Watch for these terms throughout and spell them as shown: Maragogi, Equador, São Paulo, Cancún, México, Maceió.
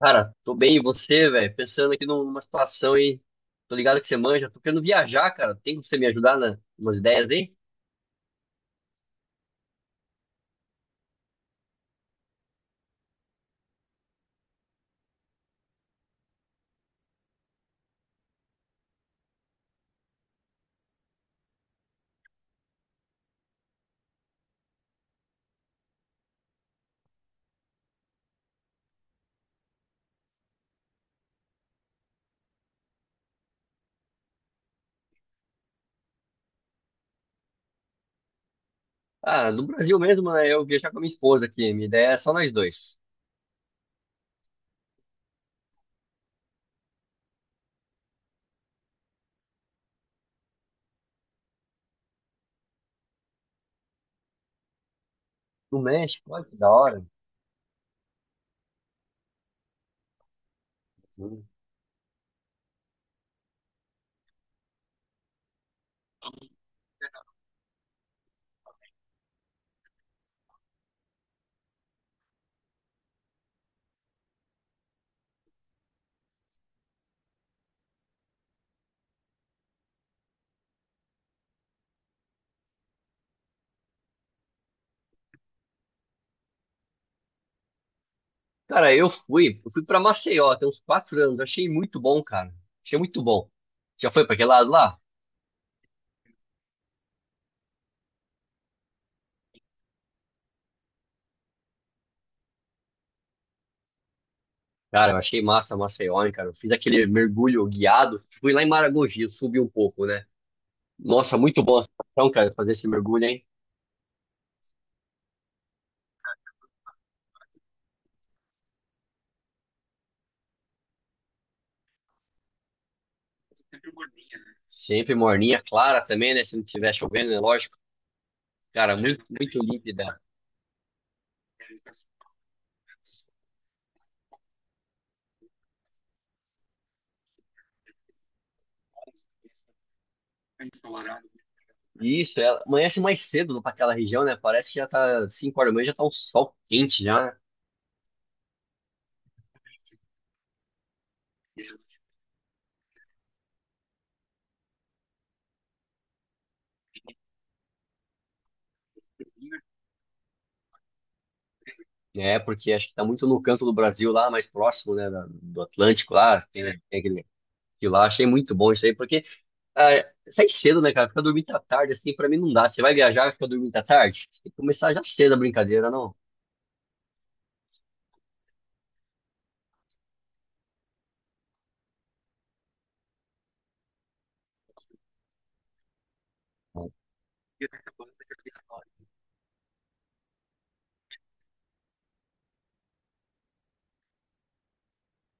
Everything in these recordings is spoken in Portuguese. Cara, tô bem, e você, velho? Pensando aqui numa situação aí. Tô ligado que você manja. Tô querendo viajar, cara. Tem como você me ajudar nas umas ideias aí? Ah, no Brasil mesmo, né? Eu viajar com a minha esposa aqui. Minha ideia é só nós dois. No México, olha que da hora. Cara, eu fui. Eu fui pra Maceió, tem uns 4 anos. Achei muito bom, cara. Achei muito bom. Já foi pra aquele lado lá? Cara, eu achei massa Maceió, hein, cara. Eu fiz aquele mergulho guiado. Fui lá em Maragogi, eu subi um pouco, né? Nossa, muito bom essa sensação, cara, fazer esse mergulho, hein? Sempre morninha, clara também, né? Se não tiver chovendo, é lógico. Cara, muito, muito límpida. E isso, ela amanhece mais cedo para aquela região, né? Parece que já tá 5 horas da manhã, já tá um sol quente já, né? É, porque acho que tá muito no canto do Brasil lá, mais próximo, né? Do Atlântico lá, tem, né, tem aquele... E lá achei muito bom isso aí, porque ah, sai cedo, né, cara? Ficar dormindo à tarde, assim, pra mim não dá. Você vai viajar, fica dormindo à tarde? Você tem que começar já cedo a brincadeira, não?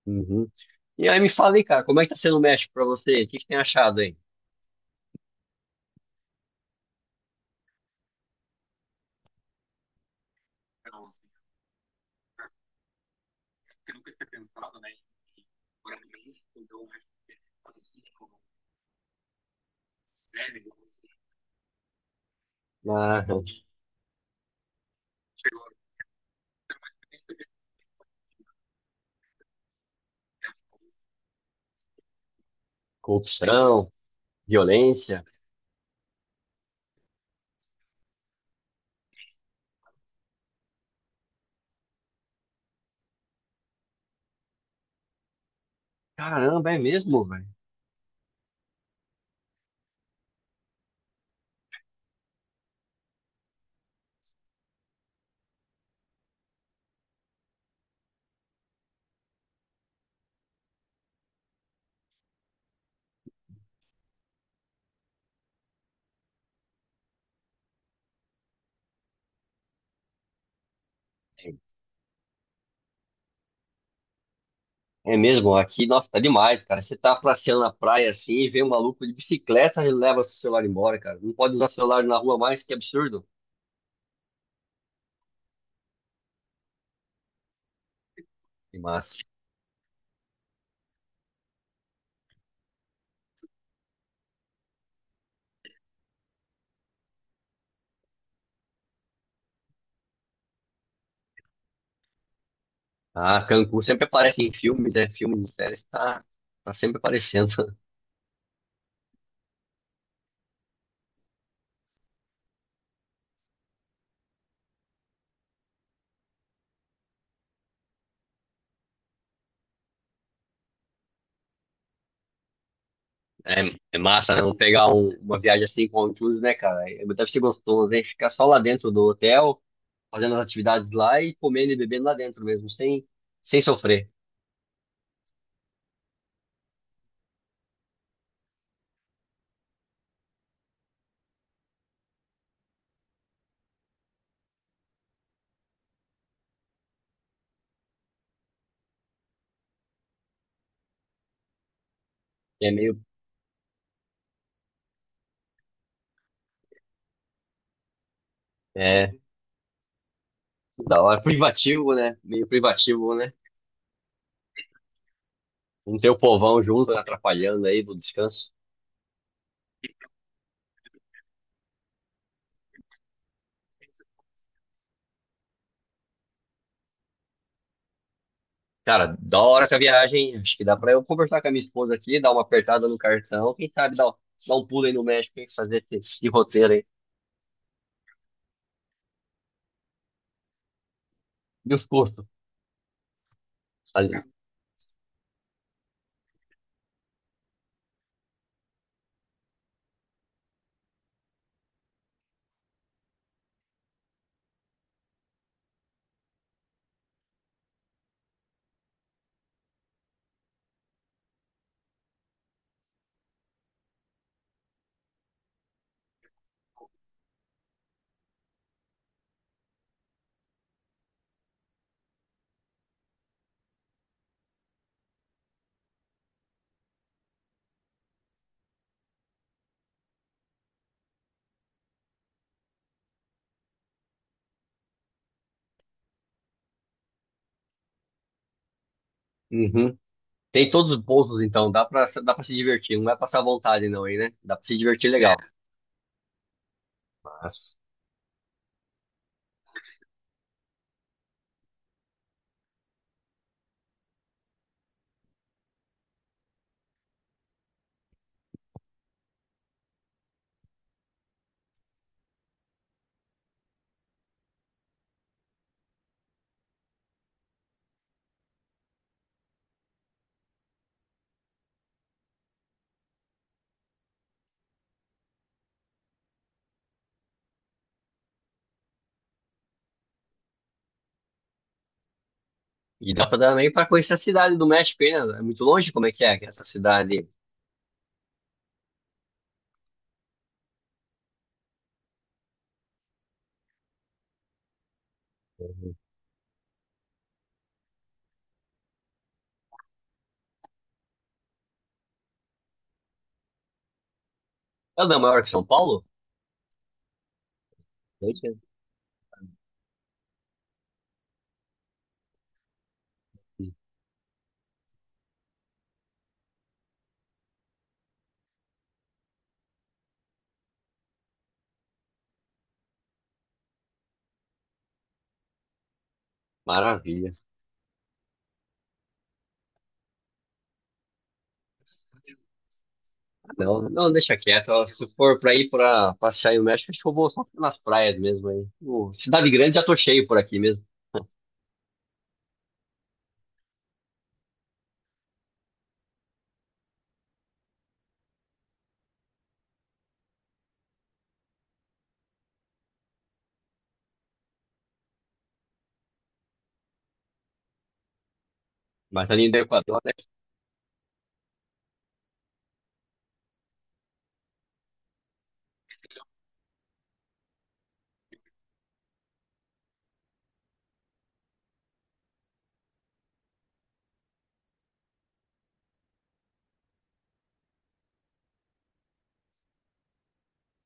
Uhum. E aí me fala aí, cara, como é que tá sendo o México pra você? O que que tem achado aí? Ah, corrupção, violência. Caramba, é mesmo, velho. É mesmo, aqui, nossa, tá demais, cara. Você tá passeando na praia assim e vê um maluco de bicicleta e leva seu celular embora, cara. Não pode usar celular na rua mais, que absurdo. Que massa. Ah, Cancún sempre aparece em filmes, é filmes de séries, tá, tá sempre aparecendo. É, é massa, né? Vamos pegar uma viagem assim com inclusive, né, cara? É, deve ser gostoso, né? Ficar só lá dentro do hotel, fazendo as atividades lá e comendo e bebendo lá dentro mesmo, sem, sem sofrer. É meio. É da hora, privativo, né? Meio privativo, né? Não ter o povão junto, né, atrapalhando aí do descanso. Cara, da hora essa viagem. Acho que dá pra eu conversar com a minha esposa aqui, dar uma apertada no cartão. Quem sabe dar, dar um pulo aí no México, hein? Fazer esse, esse roteiro aí. E os custos? Ali. Uhum. Tem todos os bolsos, então. Dá pra se divertir. Não vai passar vontade, não, aí, né? Dá pra se divertir legal. Mas... E dá pra também pra conhecer a cidade do México, hein, né? É muito longe? Como é que é essa cidade? Ela é da maior que São Paulo? É isso aí. Maravilha. Não, não, deixa quieto. Ó, se for pra ir pra passear aí no México, acho que eu vou só nas praias mesmo aí. O Cidade Grande já tô cheio por aqui mesmo. Mas ali no Equador, né?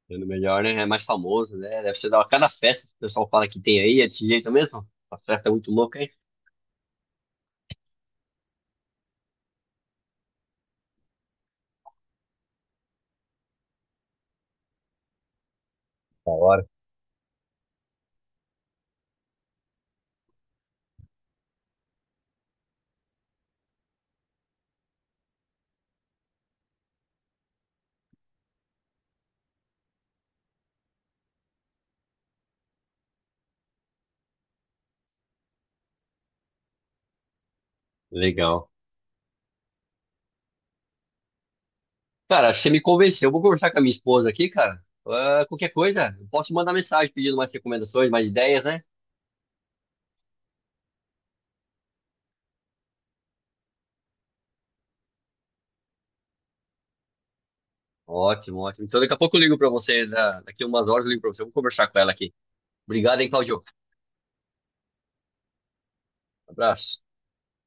Sendo melhor, né? É mais famoso, né? Deve ser da cada festa que o pessoal fala que tem aí, é desse jeito mesmo. A festa é muito louca, hein? Da hora. Legal. Cara, acho que você me convenceu. Eu vou conversar com a minha esposa aqui, cara. Ah, qualquer coisa, eu posso mandar mensagem pedindo mais recomendações, mais ideias, né? Ótimo, ótimo. Então daqui a pouco eu ligo pra você, daqui a umas horas eu ligo pra você. Eu vou conversar com ela aqui. Obrigado, hein, Claudio. Abraço.